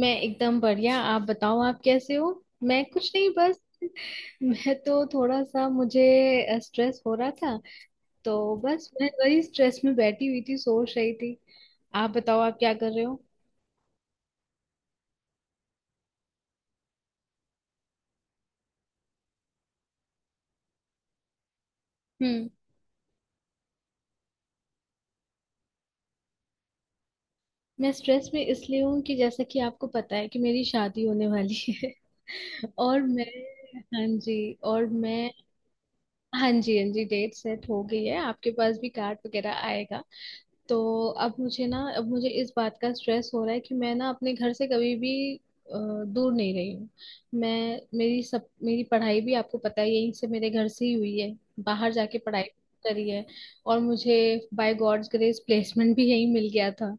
मैं एकदम बढ़िया। आप बताओ आप कैसे हो। मैं कुछ नहीं, बस मैं तो थोड़ा सा मुझे स्ट्रेस हो रहा था। तो बस मैं वही स्ट्रेस में बैठी हुई थी, सोच रही थी। आप बताओ आप क्या कर रहे हो। हम्म। मैं स्ट्रेस में इसलिए हूँ कि जैसा कि आपको पता है कि मेरी शादी होने वाली है। और मैं, हाँ जी, और मैं, हाँ जी, हाँ जी, डेट सेट हो गई है। आपके पास भी कार्ड वगैरह आएगा। तो अब मुझे ना, अब मुझे इस बात का स्ट्रेस हो रहा है कि मैं ना अपने घर से कभी भी दूर नहीं रही हूँ। मैं, मेरी सब, मेरी पढ़ाई भी आपको पता है यहीं से, मेरे घर से ही हुई है। बाहर जाके पढ़ाई करी है। और मुझे बाय गॉड्स ग्रेस प्लेसमेंट भी यहीं मिल गया था।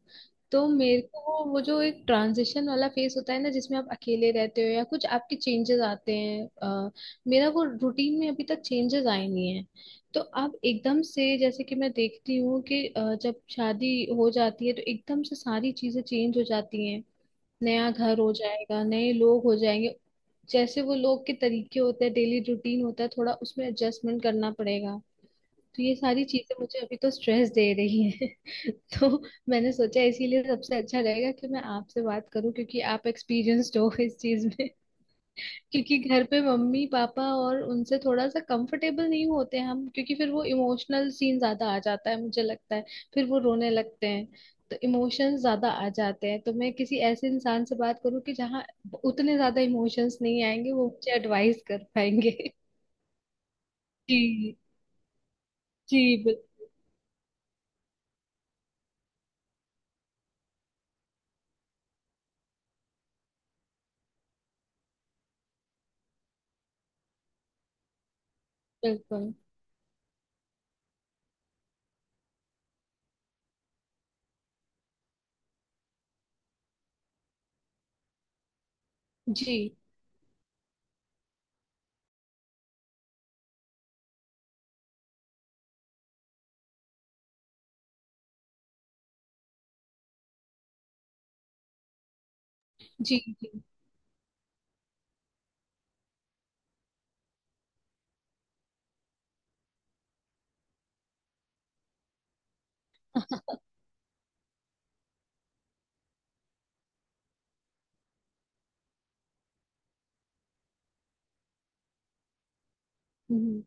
तो मेरे को वो जो एक ट्रांजिशन वाला फेस होता है ना, जिसमें आप अकेले रहते हो या कुछ आपके चेंजेस आते हैं। मेरा वो रूटीन में अभी तक चेंजेस आए नहीं। तो अब एकदम से, जैसे कि मैं देखती हूँ कि जब शादी हो जाती है तो एकदम से सारी चीजें चेंज हो जाती हैं। नया घर हो जाएगा, नए लोग हो जाएंगे। जैसे वो लोग के तरीके होते हैं, डेली रूटीन होता है, थोड़ा उसमें एडजस्टमेंट करना पड़ेगा। तो ये सारी चीजें मुझे अभी तो स्ट्रेस दे रही हैं। तो मैंने सोचा, इसीलिए सबसे अच्छा रहेगा कि मैं आपसे बात करूं, क्योंकि आप एक्सपीरियंस्ड हो इस चीज में। क्योंकि घर पे मम्मी पापा, और उनसे थोड़ा सा कंफर्टेबल नहीं होते हम, क्योंकि फिर वो इमोशनल सीन ज्यादा आ जाता है, मुझे लगता है, फिर वो रोने लगते हैं। तो इमोशंस ज्यादा आ जाते हैं, तो मैं किसी ऐसे इंसान से बात करूं कि जहाँ उतने ज्यादा इमोशंस नहीं आएंगे, वो मुझे एडवाइस कर पाएंगे। जी। जी, बिल्कुल। बिल्कुल। जी। जी। जी। हम्म।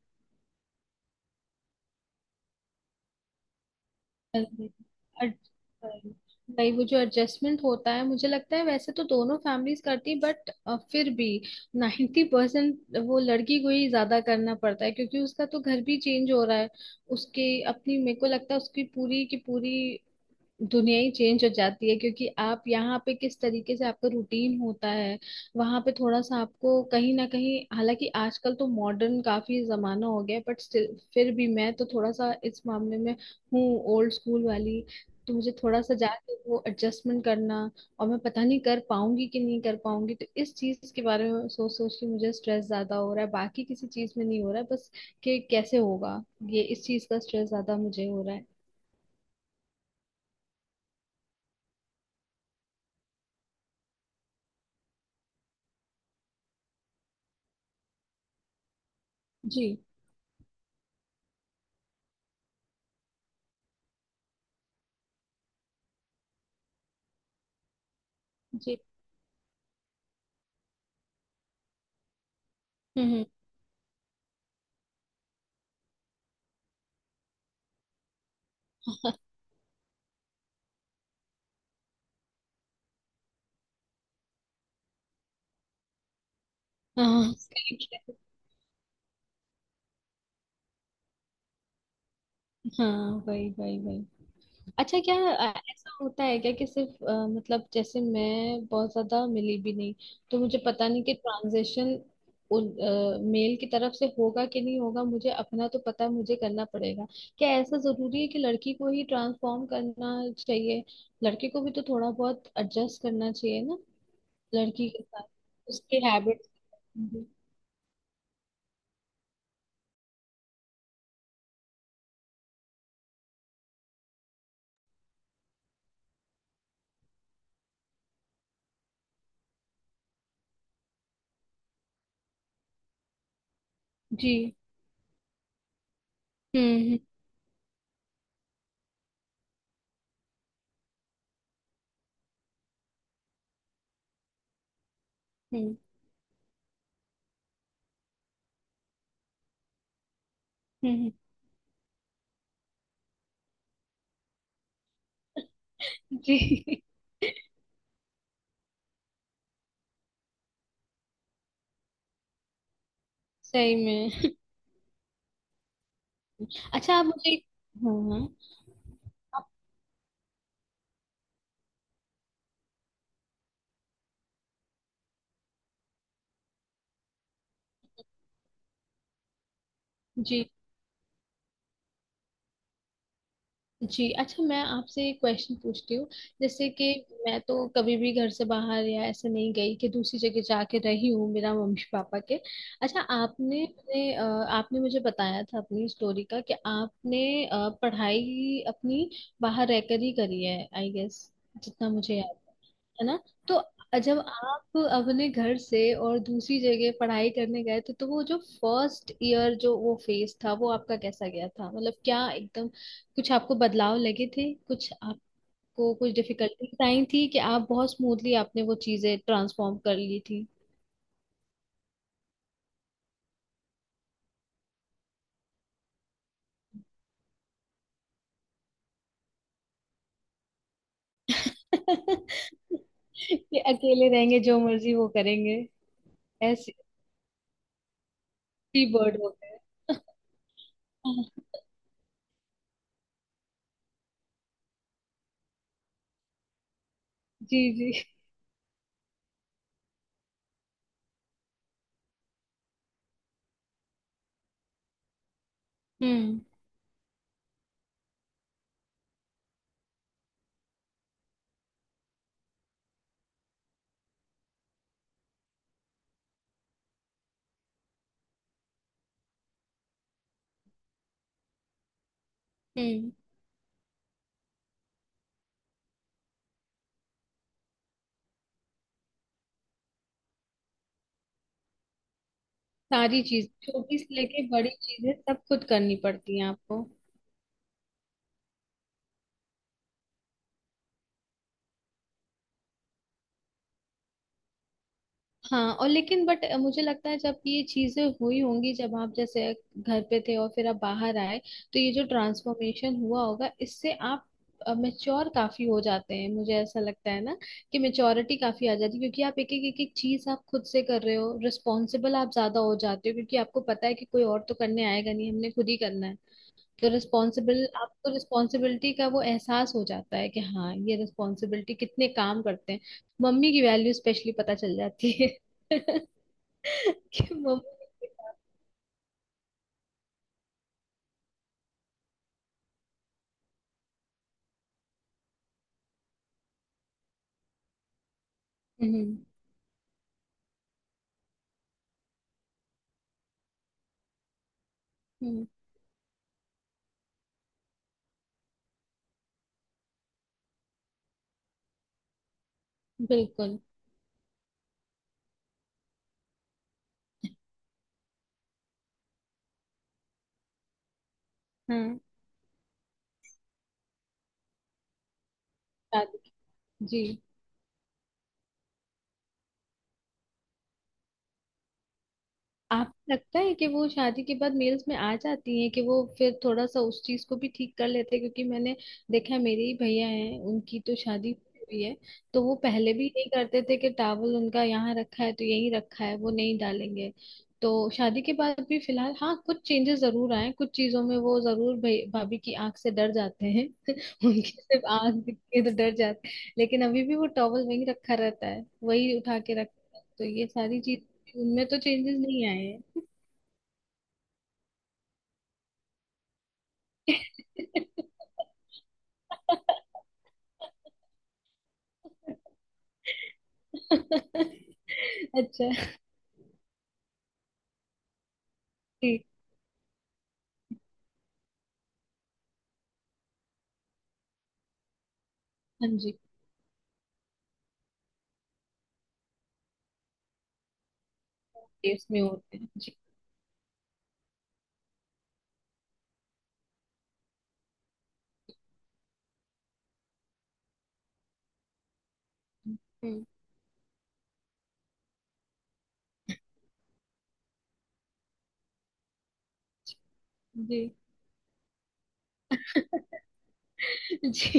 भाई, वो जो एडजस्टमेंट होता है, मुझे लगता है वैसे तो दोनों फैमिलीज करती है, बट फिर भी 90% वो लड़की को ही ज्यादा करना पड़ता है, क्योंकि उसका तो घर भी चेंज हो रहा है। उसके अपनी, मेरे को लगता है उसकी पूरी की पूरी दुनिया ही चेंज हो जाती है, क्योंकि आप यहाँ पे किस तरीके से, आपका रूटीन होता है, वहां पे थोड़ा सा आपको कहीं ना कहीं, हालांकि आजकल तो मॉडर्न काफी जमाना हो गया, बट स्टिल, फिर भी मैं तो थोड़ा सा इस मामले में हूँ, ओल्ड स्कूल वाली। तो मुझे थोड़ा सा जाके वो एडजस्टमेंट करना, और मैं पता नहीं कर पाऊंगी कि नहीं कर पाऊंगी, तो इस चीज के बारे में सोच सोच के मुझे स्ट्रेस ज्यादा हो रहा है, बाकी किसी चीज में नहीं हो रहा है, बस कि कैसे होगा। ये इस चीज का स्ट्रेस ज्यादा मुझे हो रहा है। जी। जी। हम्म। हम्म। हाँ, ठीक है। हाँ, वही वही वही। अच्छा, क्या ऐसा होता है क्या कि सिर्फ मतलब, जैसे मैं बहुत ज्यादा मिली भी नहीं, तो मुझे पता नहीं कि ट्रांजेक्शन उन मेल की तरफ से होगा कि नहीं होगा। मुझे अपना तो पता है, मुझे करना पड़ेगा। क्या ऐसा जरूरी है कि लड़की को ही ट्रांसफॉर्म करना चाहिए, लड़के को भी तो थोड़ा बहुत एडजस्ट करना चाहिए ना, लड़की के साथ, उसके हैबिट। जी। हम्म। हम्म। हम्म। जी। सही में। अच्छा, आप मुझे, हाँ हाँ, आप- जी। जी, अच्छा मैं आपसे एक क्वेश्चन पूछती हूँ। जैसे कि मैं तो कभी भी घर से बाहर या ऐसे नहीं गई कि दूसरी जगह जाके रही हूँ, मेरा मम्मी पापा के। अच्छा, आपने अपने आपने मुझे बताया था अपनी स्टोरी का कि आपने पढ़ाई अपनी बाहर रहकर ही करी है आई गेस, जितना मुझे याद है। है ना। तो जब आप अपने घर से और दूसरी जगह पढ़ाई करने गए थे, तो वो जो फर्स्ट ईयर, जो वो फेज था, वो आपका कैसा गया था? मतलब क्या एकदम कुछ आपको बदलाव लगे थे, कुछ आपको कुछ डिफिकल्टीज आई थी, कि आप बहुत स्मूथली आपने वो चीजें ट्रांसफॉर्म कर ली थी? कि अकेले रहेंगे, जो मर्जी वो करेंगे। ऐसे फ्री बर्ड हो गए। जी। जी। हम्म। हम्म। सारी चीज, छोटी से लेके बड़ी चीजें, सब खुद करनी पड़ती हैं आपको। हाँ, और लेकिन बट मुझे लगता है जब ये चीजें हुई होंगी, जब आप जैसे घर पे थे और फिर आप बाहर आए, तो ये जो ट्रांसफॉर्मेशन हुआ होगा, इससे आप मेच्योर काफी हो जाते हैं, मुझे ऐसा लगता है ना, कि मेच्योरिटी काफी आ जाती है, क्योंकि आप एक एक चीज आप खुद से कर रहे हो, रिस्पॉन्सिबल आप ज्यादा हो जाते हो, क्योंकि आपको पता है कि कोई और तो करने आएगा नहीं, हमने खुद ही करना है। तो रिस्पॉन्सिबल, आपको रिस्पॉन्सिबिलिटी का वो एहसास हो जाता है कि हाँ, ये रिस्पॉन्सिबिलिटी कितने काम करते हैं। मम्मी की वैल्यू स्पेशली पता चल जाती है। कि मम्मी। हम्म। हम्म। बिल्कुल। हाँ, शादी। जी, आपको लगता है कि वो शादी के बाद मेल्स में आ जाती हैं, कि वो फिर थोड़ा सा उस चीज को भी ठीक कर लेते हैं? क्योंकि मैंने देखा है, मेरे ही भैया हैं, उनकी तो शादी हुई है। तो वो पहले भी यही करते थे कि टावल उनका यहाँ रखा है तो यही रखा है, वो नहीं डालेंगे। तो शादी के बाद भी फिलहाल हाँ, कुछ चेंजेस जरूर आए कुछ चीजों में, वो जरूर भाभी की आंख से डर जाते हैं। उनकी सिर्फ आंख दिख के तो डर जाते हैं, लेकिन अभी भी वो टॉवल वही रखा रहता है, वही उठा के रखता है, तो ये सारी चीज उनमें तो चेंजेस नहीं आए हैं। अच्छा। ठीक। हाँ जी। केस में होते हैं जी। हम्म, जी। जी।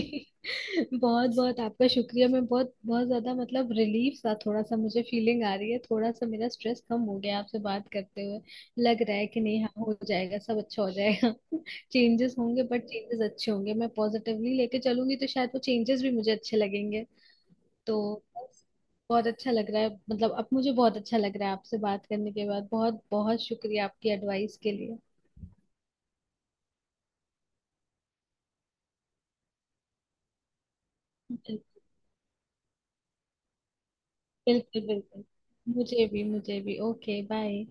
बहुत बहुत आपका शुक्रिया। मैं बहुत बहुत ज्यादा, मतलब रिलीफ सा थोड़ा सा मुझे फीलिंग आ रही है, थोड़ा सा मेरा स्ट्रेस कम हो गया आपसे बात करते हुए। लग रहा है कि नहीं, हाँ हो जाएगा, सब अच्छा हो जाएगा। चेंजेस होंगे बट चेंजेस अच्छे होंगे, मैं पॉजिटिवली लेके चलूंगी, तो शायद वो चेंजेस भी मुझे अच्छे लगेंगे। तो बस, बहुत अच्छा लग रहा है, मतलब अब मुझे बहुत अच्छा लग रहा है आपसे बात करने के बाद। बहुत बहुत शुक्रिया आपकी एडवाइस के लिए। बिल्कुल। बिल्कुल, बिल्कुल। मुझे भी, मुझे भी। Okay, bye.